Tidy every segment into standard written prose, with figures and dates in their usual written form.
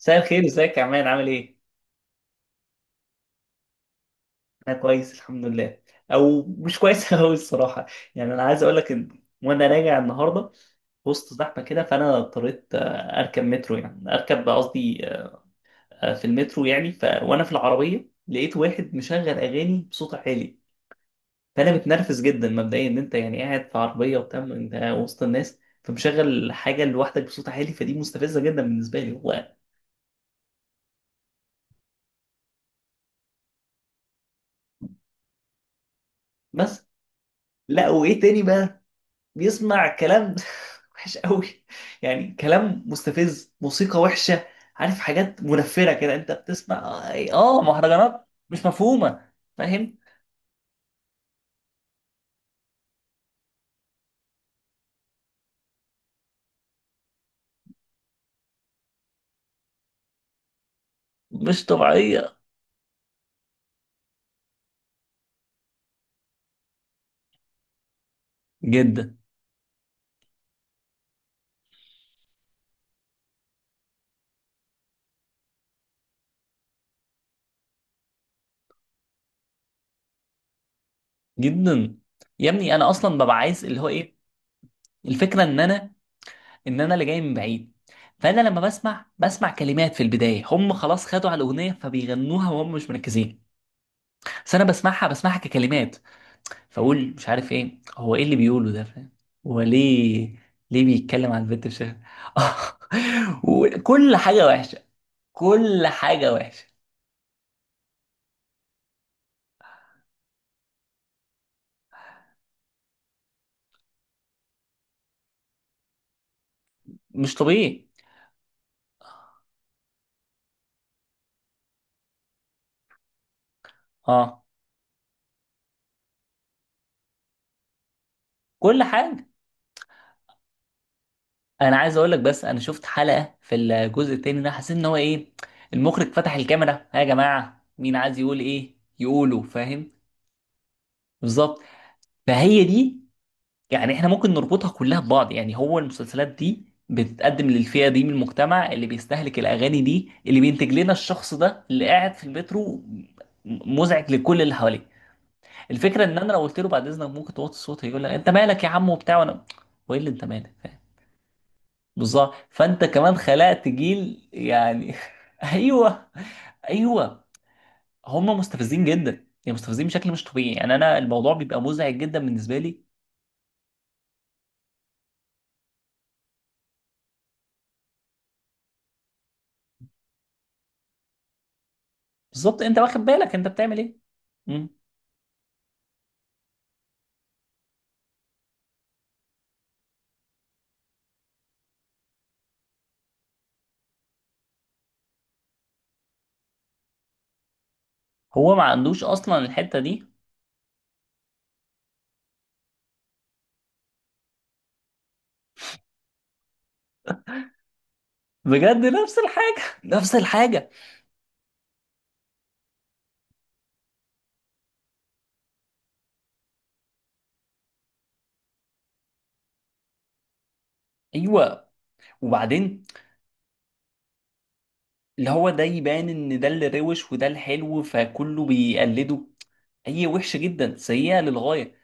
مساء الخير، ازيك يا عمان؟ عامل ايه؟ انا كويس الحمد لله، او مش كويس قوي الصراحه. يعني انا عايز اقول لك ان وانا راجع النهارده وسط زحمه كده، فانا اضطريت اركب مترو، يعني اركب قصدي. في المترو يعني، وانا في العربيه لقيت واحد مشغل اغاني بصوت عالي. فانا متنرفز جدا مبدئيا ان انت يعني قاعد في عربيه وبتاع انت وسط الناس، فمشغل حاجه لوحدك بصوت عالي، فدي مستفزه جدا بالنسبه لي. هو بس، لا وايه تاني بقى، بيسمع كلام وحش قوي. يعني كلام مستفز، موسيقى وحشة. عارف حاجات منفرة كده، انت بتسمع؟ مهرجانات مش مفهومة. فاهم؟ مش طبيعية. جدا جدا. يا ابني انا اصلا ببقى عايز اللي هو ايه، الفكرة ان انا اللي جاي من بعيد. فانا لما بسمع، كلمات في البداية هم خلاص خدوا على الاغنية فبيغنوها وهم مش مركزين، بس انا بسمعها، ككلمات. فاقول مش عارف ايه هو، ايه اللي بيقوله ده؟ فاهم؟ هو ليه، بيتكلم عن البنت بشكل وكل حاجه وحشه؟ كل حاجه وحشه مش طبيعي. اه. كل حاجه. انا عايز اقول لك، بس انا شفت حلقه في الجزء التاني ده، حسيت ان هو ايه، المخرج فتح الكاميرا، ها يا جماعه مين عايز يقول ايه يقوله. فاهم؟ بالظبط. فهي دي، يعني احنا ممكن نربطها كلها ببعض. يعني هو المسلسلات دي بتتقدم للفئة دي من المجتمع، اللي بيستهلك الأغاني دي، اللي بينتج لنا الشخص ده اللي قاعد في المترو مزعج لكل اللي حواليه. الفكرة إن أنا لو قلت له بعد إذنك ممكن توطي الصوت، هيقول لك أنت مالك يا عم وبتاع، وأنا، وإيه اللي أنت مالك؟ فاهم؟ بالظبط. فأنت كمان خلقت جيل يعني أيوه، أيوه. هم مستفزين جدا. يعني مستفزين بشكل مش طبيعي. يعني أنا الموضوع بيبقى مزعج جدا بالنسبة لي. بالظبط، أنت واخد بالك أنت بتعمل إيه؟ هو ما عندوش اصلا الحته دي. بجد نفس الحاجه نفس الحاجه. ايوه. وبعدين اللي هو ده يبان ان ده اللي روش، وده الحلو، فكله بيقلده. هي وحشه جدا، سيئه للغايه.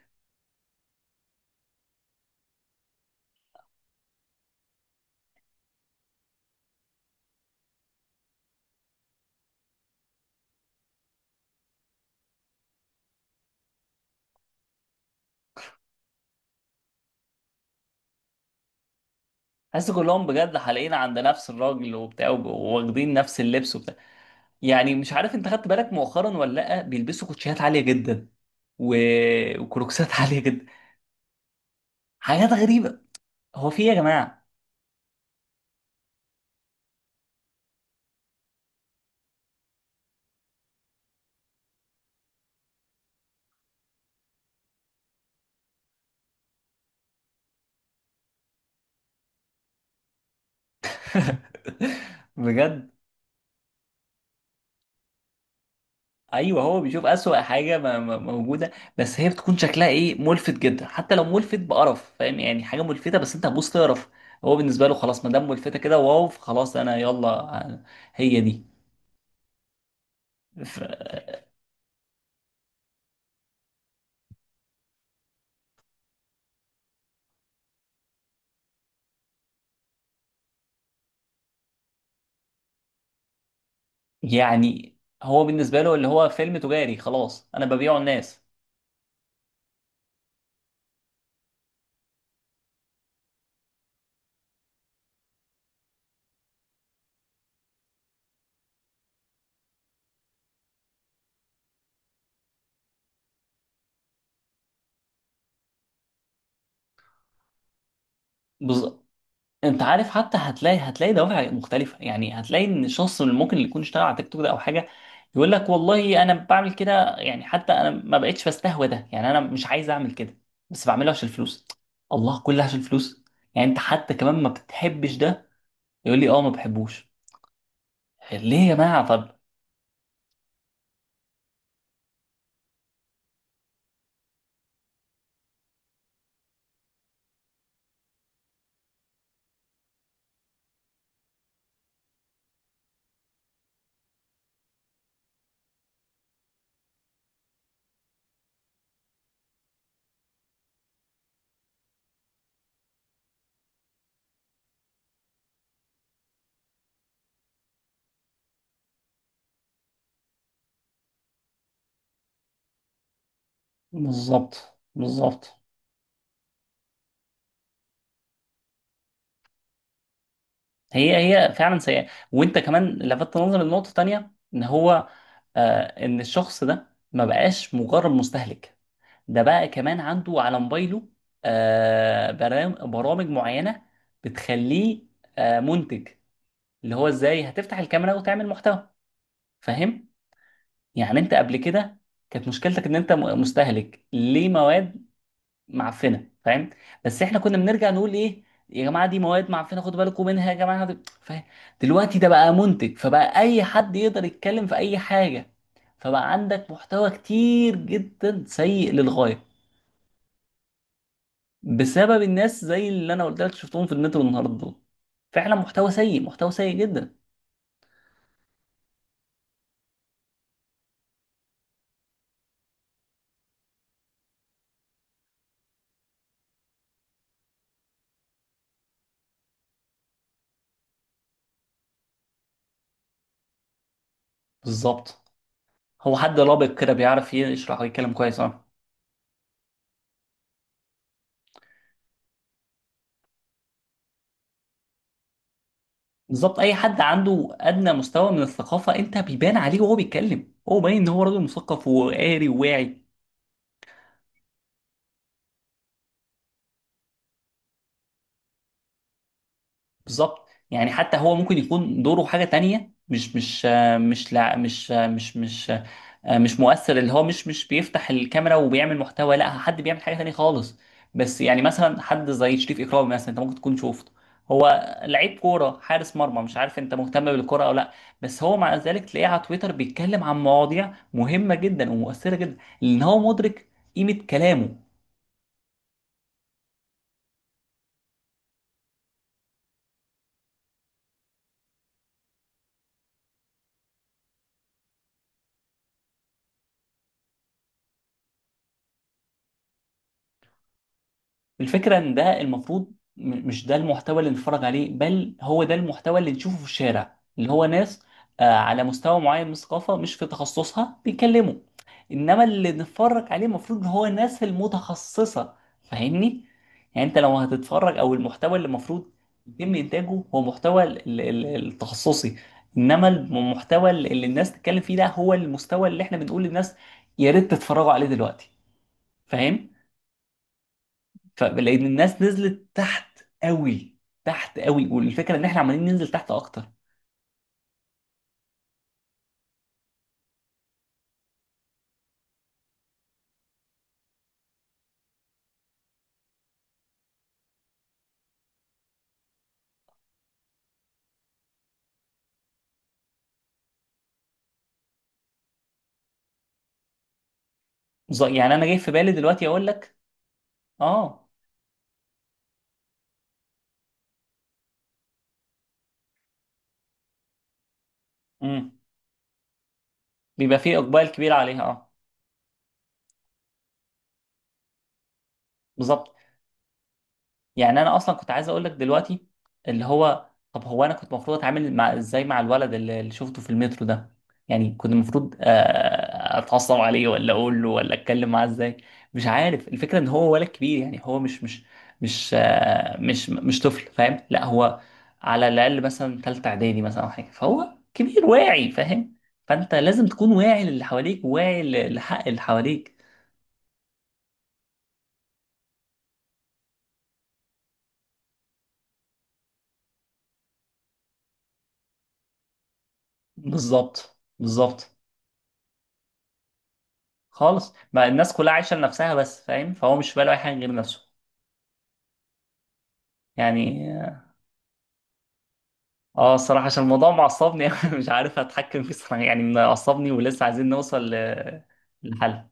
حاسس كلهم بجد حلقين عند نفس الراجل وبتاع، واخدين نفس اللبس وبتاع. يعني مش عارف، انت خدت بالك مؤخرا ولا لا؟ بيلبسوا كوتشيات عاليه جدا، و... وكروكسات عاليه جدا. حاجات غريبه. هو في ايه يا جماعه؟ بجد. ايوه، هو بيشوف اسوأ حاجه موجوده. بس هي بتكون شكلها ايه، ملفت جدا. حتى لو ملفت بقرف. فاهم يعني؟ حاجه ملفته، بس انت هتبص تقرف. هو بالنسبه له خلاص، ما دام ملفته كده، واو خلاص انا يلا. هي دي. ف يعني هو بالنسبه له اللي هو فيلم تجاري، خلاص انا ببيعه الناس. انت عارف، حتى هتلاقي، دوافع مختلفه. يعني هتلاقي ان الشخص اللي ممكن اللي يكون اشتغل على تيك توك ده او حاجه، يقول لك والله انا بعمل كده، يعني حتى انا ما بقتش بستهوى ده، يعني انا مش عايز اعمل كده، بس بعمله عشان الفلوس. الله، كله عشان الفلوس. يعني انت حتى كمان ما بتحبش ده؟ يقول لي اه ما بحبوش. ليه يا جماعه طب؟ بالظبط، بالظبط. هي هي فعلا سيئه. وانت كمان لفتت نظري لنقطه تانيه، ان هو ان الشخص ده ما بقاش مجرد مستهلك، ده بقى كمان عنده على موبايله برامج معينة بتخليه منتج، اللي هو ازاي هتفتح الكاميرا وتعمل محتوى. فاهم؟ يعني انت قبل كده كانت مشكلتك ان انت مستهلك ليه مواد معفنة. فاهم؟ بس احنا كنا بنرجع نقول ايه، يا جماعة دي مواد معفنة خدوا بالكم منها. يا جماعة فاهم؟ دلوقتي ده بقى منتج، فبقى اي حد يقدر يتكلم في اي حاجة. فبقى عندك محتوى كتير جدا سيء للغاية بسبب الناس زي اللي انا قلت لك شفتهم في النت والنهارده دول. فعلا محتوى سيء، محتوى سيء جدا. بالظبط. هو حد لابق كده، بيعرف يشرح ويتكلم كويس. اه، بالظبط. اي حد عنده ادنى مستوى من الثقافه، انت بيبان عليه وهو بيتكلم، هو باين ان هو راجل مثقف وقاري وواعي. بالظبط. يعني حتى هو ممكن يكون دوره حاجه تانية مش مؤثر، اللي هو مش مش بيفتح الكاميرا وبيعمل محتوى. لا، حد بيعمل حاجه تانية خالص. بس يعني مثلا حد زي شريف اكرامي مثلا، انت ممكن تكون شفته. هو لعيب كوره، حارس مرمى. مش عارف انت مهتم بالكوره او لا، بس هو مع ذلك تلاقيه على تويتر بيتكلم عن مواضيع مهمه جدا ومؤثره جدا، لان هو مدرك قيمه كلامه. الفكره ان ده المفروض، مش ده المحتوى اللي نتفرج عليه، بل هو ده المحتوى اللي نشوفه في الشارع، اللي هو ناس على مستوى معين من الثقافه مش في تخصصها بيتكلموا. انما اللي نتفرج عليه، المفروض ان هو الناس المتخصصه. فاهمني؟ يعني انت لو هتتفرج، او المحتوى اللي المفروض يتم انتاجه، هو محتوى التخصصي. انما المحتوى اللي الناس تتكلم فيه ده، هو المستوى اللي احنا بنقول للناس يا ريت تتفرجوا عليه دلوقتي. فاهم؟ فلان الناس نزلت تحت قوي، تحت قوي. والفكره ان احنا عمالين ننزل تحت اكتر. يعني انا جاي في بالي دلوقتي اقول لك. اه. امم بيبقى فيه اقبال كبير عليها. اه، بالظبط. يعني انا اصلا كنت عايز اقول لك دلوقتي اللي هو، طب هو انا كنت المفروض اتعامل مع، ازاي مع الولد اللي شفته في المترو ده؟ يعني كنت المفروض اتعصب عليه، ولا اقول له، ولا اتكلم معاه ازاي؟ مش عارف. الفكره ان هو ولد كبير، يعني هو مش مش مش آه، مش مش طفل، فاهم؟ لا هو على الاقل مثلا ثالثه اعدادي مثلا، او حاجه، فهو كبير واعي، فاهم؟ فانت لازم تكون واعي للي حواليك، واعي لحق اللي حواليك. بالظبط، بالظبط. خالص، ما الناس كلها عايشه لنفسها بس، فاهم؟ فهو مش في باله اي حاجه غير نفسه. يعني اه الصراحه عشان الموضوع معصبني أوي، مش عارف اتحكم فيه الصراحه. يعني معصبني، ولسه عايزين نوصل لحل.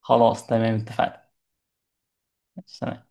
خلاص تمام اتفقنا. تمام.